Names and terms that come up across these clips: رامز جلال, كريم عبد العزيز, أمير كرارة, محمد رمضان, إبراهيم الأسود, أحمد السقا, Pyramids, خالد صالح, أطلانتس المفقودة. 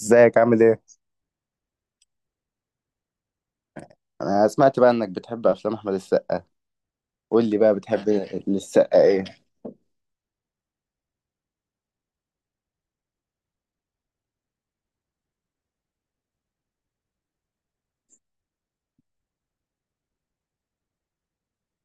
ازيك عامل ايه؟ انا سمعت بقى انك بتحب افلام احمد السقا. قول لي بقى بتحب للسقا ايه؟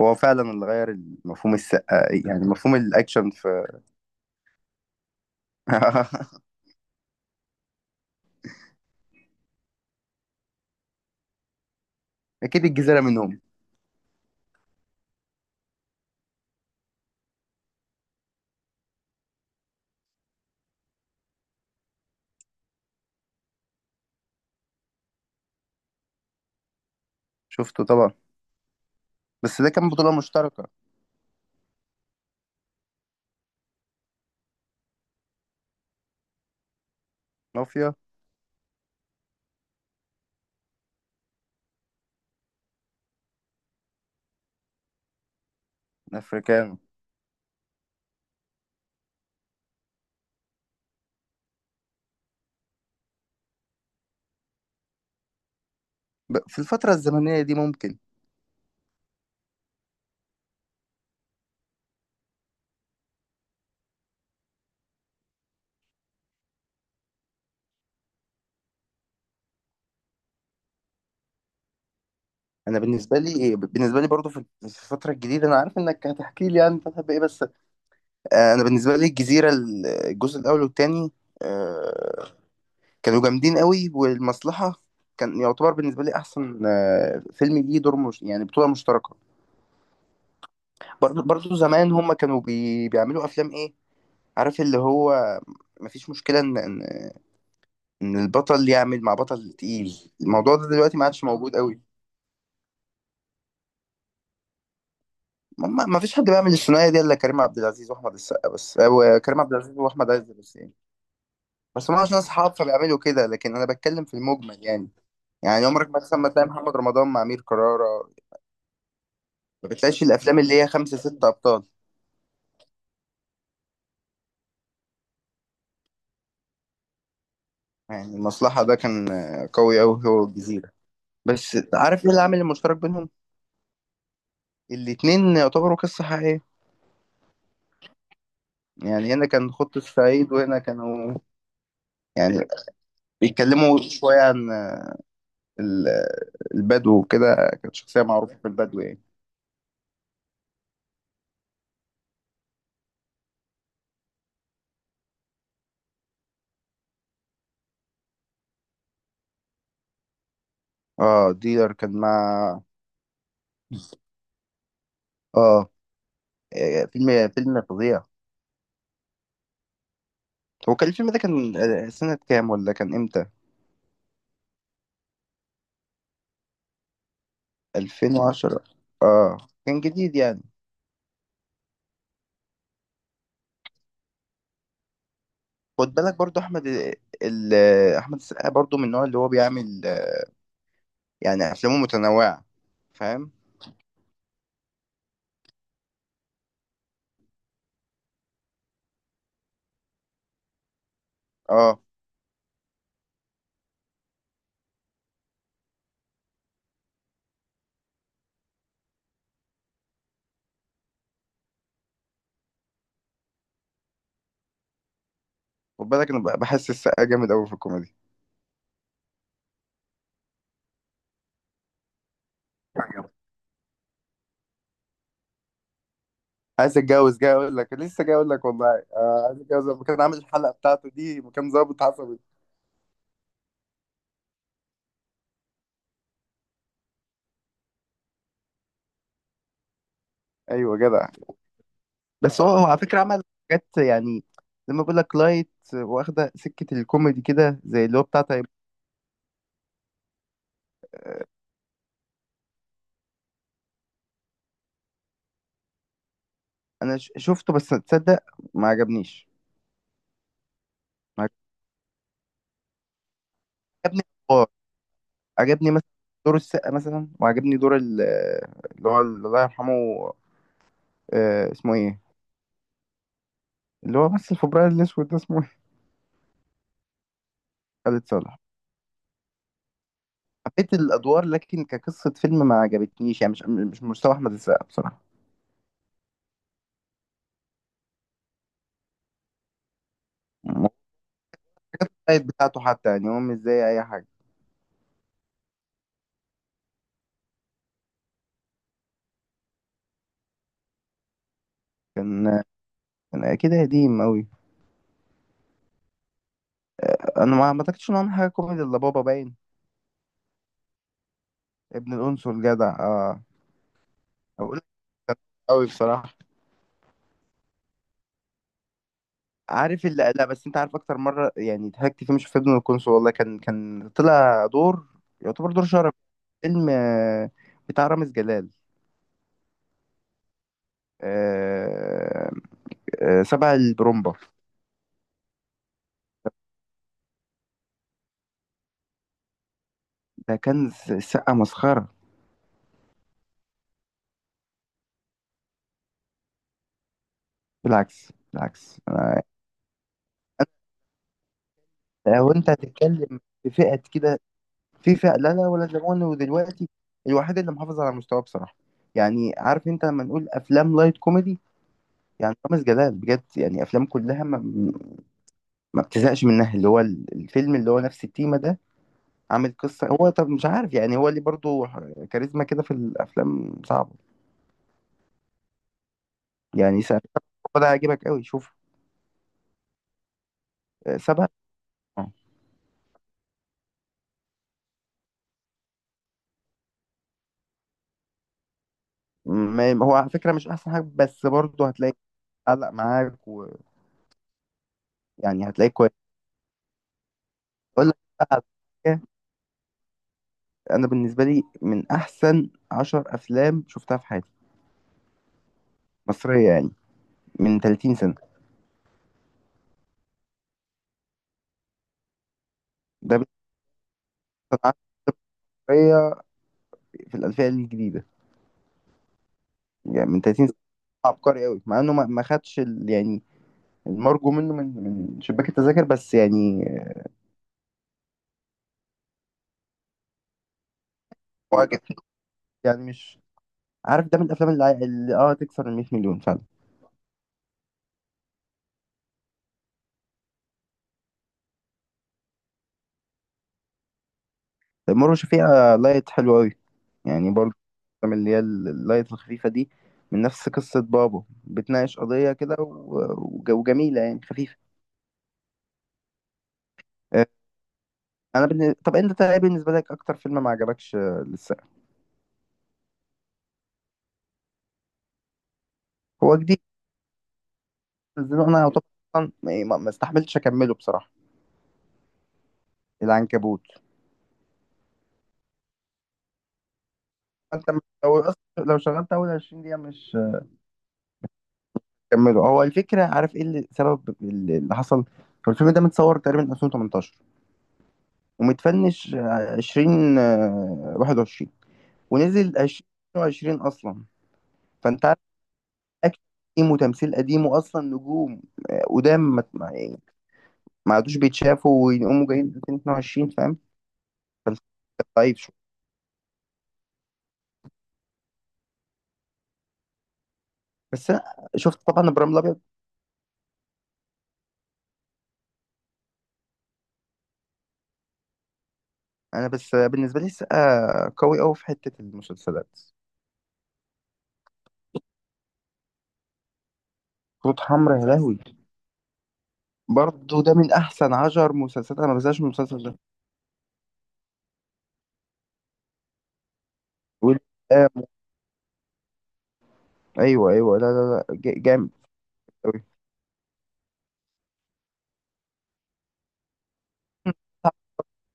هو فعلا اللي غير مفهوم السقا إيه؟ يعني مفهوم الاكشن في اكيد الجزيرة منهم. شفته طبعا. بس ده كان بطولة مشتركة. مافيا. افريكانو. في الفترة الزمنية دي ممكن. انا بالنسبة لي إيه، بالنسبة لي برضو في الفترة الجديدة. انا عارف انك هتحكي لي يعني بتحب ايه، بس انا بالنسبة لي الجزيرة، الجزء الاول والتاني. آه، كانوا جامدين قوي، والمصلحة كان يعتبر بالنسبة لي أحسن فيلم ليه دور مش يعني بطولة مشتركة. برضو زمان هما كانوا بيعملوا أفلام إيه؟ عارف اللي هو مفيش مشكلة إن إن البطل يعمل مع بطل تقيل، الموضوع ده دلوقتي ما عادش موجود قوي. ما فيش حد بيعمل الثنائية دي إلا كريم عبد العزيز وأحمد السقا بس، أو كريم عبد العزيز وأحمد عز بس، يعني بس ما عشان أصحاب فبيعملوا كده، لكن أنا بتكلم في المجمل يعني. يعني عمرك مثلا ما تلاقي محمد رمضان مع أمير كرارة. ما بتلاقيش الافلام اللي هي خمسة ستة ابطال. يعني المصلحة ده كان قوي قوي، هو والجزيرة. بس عارف ايه العامل المشترك بينهم؟ الاتنين يعتبروا قصة حقيقية. يعني هنا كان خط الصعيد، وهنا كانوا يعني بيتكلموا شوية عن البدو وكده. كانت شخصية معروفة في البدو يعني. اه، ديلر كان مع. اه. فيلم فظيع. هو كان الفيلم ده كان سنة كام، ولا كان امتى؟ 2010. اه، كان جديد يعني. خد بالك، برضو احمد، ال... احمد السقا برضو من النوع اللي هو بيعمل، يعني افلامه متنوعه، فاهم؟ اه. خد بالك، انا بحس السقا جامد قوي في الكوميدي. عايز اتجوز، جاي اقول لك، لسه جاي اقول لك والله. آه، عايز اتجوز لما كان عامل الحلقه بتاعته دي، وكان ظابط عصبي. ايوه، جدع. بس هو على فكره عمل حاجات يعني. لما بقول لك لايت واخده سكه الكوميدي كده، زي اللي هو بتاع طيب. انا شفته، بس تصدق، ما عجبنيش. ما عجبني، عجبني مثلا دور السقا، مثلا، وعجبني دور اللي هو الله يرحمه، اسمه ايه، اللي هو مثل في ابراهيم الاسود ده، اسمه ايه؟ خالد صالح. حبيت الادوار، لكن كقصه فيلم ما عجبتنيش يعني، مش مستوى احمد السقا بصراحه. الموبايل بتاعته حتى يعني هو مش زي اي حاجه. كان كان كده قديم قوي. انا ما اعتقدش ان هو عمل حاجه كوميدي الا بابا باين. ابن الانصل، جدع، اه. اقول قوي بصراحه. عارف اللي، لا، بس انت عارف اكتر مره يعني ضحكت فيه مش في ابن القنصل والله، كان طلع دور يعتبر دور شرف. فيلم بتاع رامز جلال، آه، سبع البرومبا. ده كان سقه مسخره. بالعكس، بالعكس، لو انت هتتكلم في فئه كده، في فئه لا لا، ولا زمان ودلوقتي، الوحيد اللي محافظ على مستواه بصراحه. يعني عارف انت لما نقول افلام لايت كوميدي، يعني رامز جلال بجد يعني افلام كلها ما بتزهقش منها. اللي هو الفيلم اللي هو نفس التيمة ده، عامل قصة، هو طب مش عارف يعني هو ليه برضو كاريزما كده، في الأفلام صعبة. يعني سبعة، هو ده هيعجبك قوي، شوف. سبعة. آه. ما هو على فكرة مش أحسن حاجة، بس برضو هتلاقي علق معاك، ويعني هتلاقي كويس. أقول لك بقى على حاجة. أنا بالنسبة لي من أحسن عشر أفلام شفتها في حياتي، مصرية يعني، من 30 سنة. ده بيحصل عبقرية في الألفية الجديدة، يعني من 30 سنة، عبقري قوي، مع إنه ما خدش يعني المرجو منه من شباك التذاكر، بس يعني معجب. يعني مش عارف، ده من الافلام اللي تكسر ال 100 مليون فعلا. المرة شفيقة لايت حلو قوي يعني. برضه الافلام اللي هي اللايت الخفيفة دي من نفس قصة بابو، بتناقش قضية كده وجميلة يعني، خفيفة. آه، انا طب انت ايه بالنسبة لك اكتر فيلم ما عجبكش لسه هو جديد نزله؟ انا يعتبر أصلاً ما استحملتش اكمله بصراحة. العنكبوت. انت لو لو شغلت اول 20 دقيقة مش كملوا. هو الفكره، عارف ايه اللي سبب اللي حصل؟ هو الفيلم ده متصور تقريبا 2018، ومتفنش 20 21، ونزل 2020 اصلا. فانت عارف، اكشن قديم وتمثيل قديم، واصلا نجوم قدام يعني ما عادوش بيتشافوا، ويقوموا جايين 2022، فاهم؟ فالفيلم ضعيف شويه. بس انا شفت طبعا ابراهيم الابيض. انا بس بالنسبه لي السقا قوي قوي في حته المسلسلات. خطوط حمراء يا لهوي. برضه ده من احسن عشر مسلسلات، انا ما بزهقش من المسلسل ده. والآم. ايوه ايوه، لا لا لا، جامد أوي.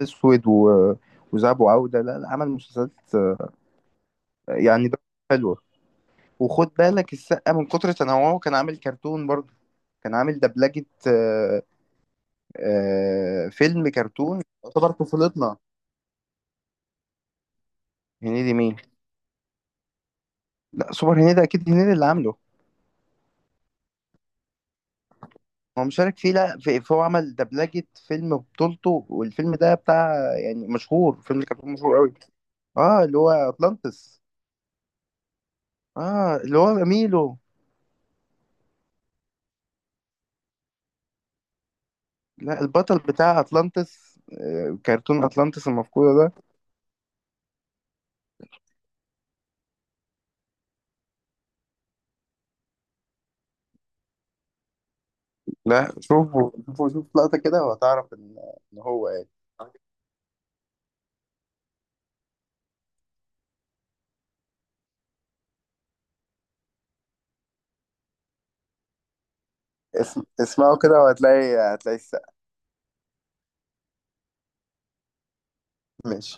اسود و... وذهب وعوده، لا لا، عمل مسلسلات يعني، ده حلوه. وخد بالك السقا من كتر تنوعه كان عامل كرتون برضه. كان عامل دبلجه فيلم كرتون يعتبر طفولتنا. هنيدي مين؟ لا، سوبر هنيدي اكيد هنيدي اللي عامله. هو مشارك فيه، لا، فهو عمل دبلجة فيلم بطولته، والفيلم ده بتاع يعني مشهور، فيلم كرتون مشهور قوي. اه، اللي هو اطلانتس. اه، اللي هو ميلو. لا، البطل بتاع اطلانتس كرتون اطلانتس المفقودة ده. لا، شوفوا شوفوا شوف لقطة كده وهتعرف ان إن هو ايه. اسمعوا كده وهتلاقي هتلاقي السقف. ماشي.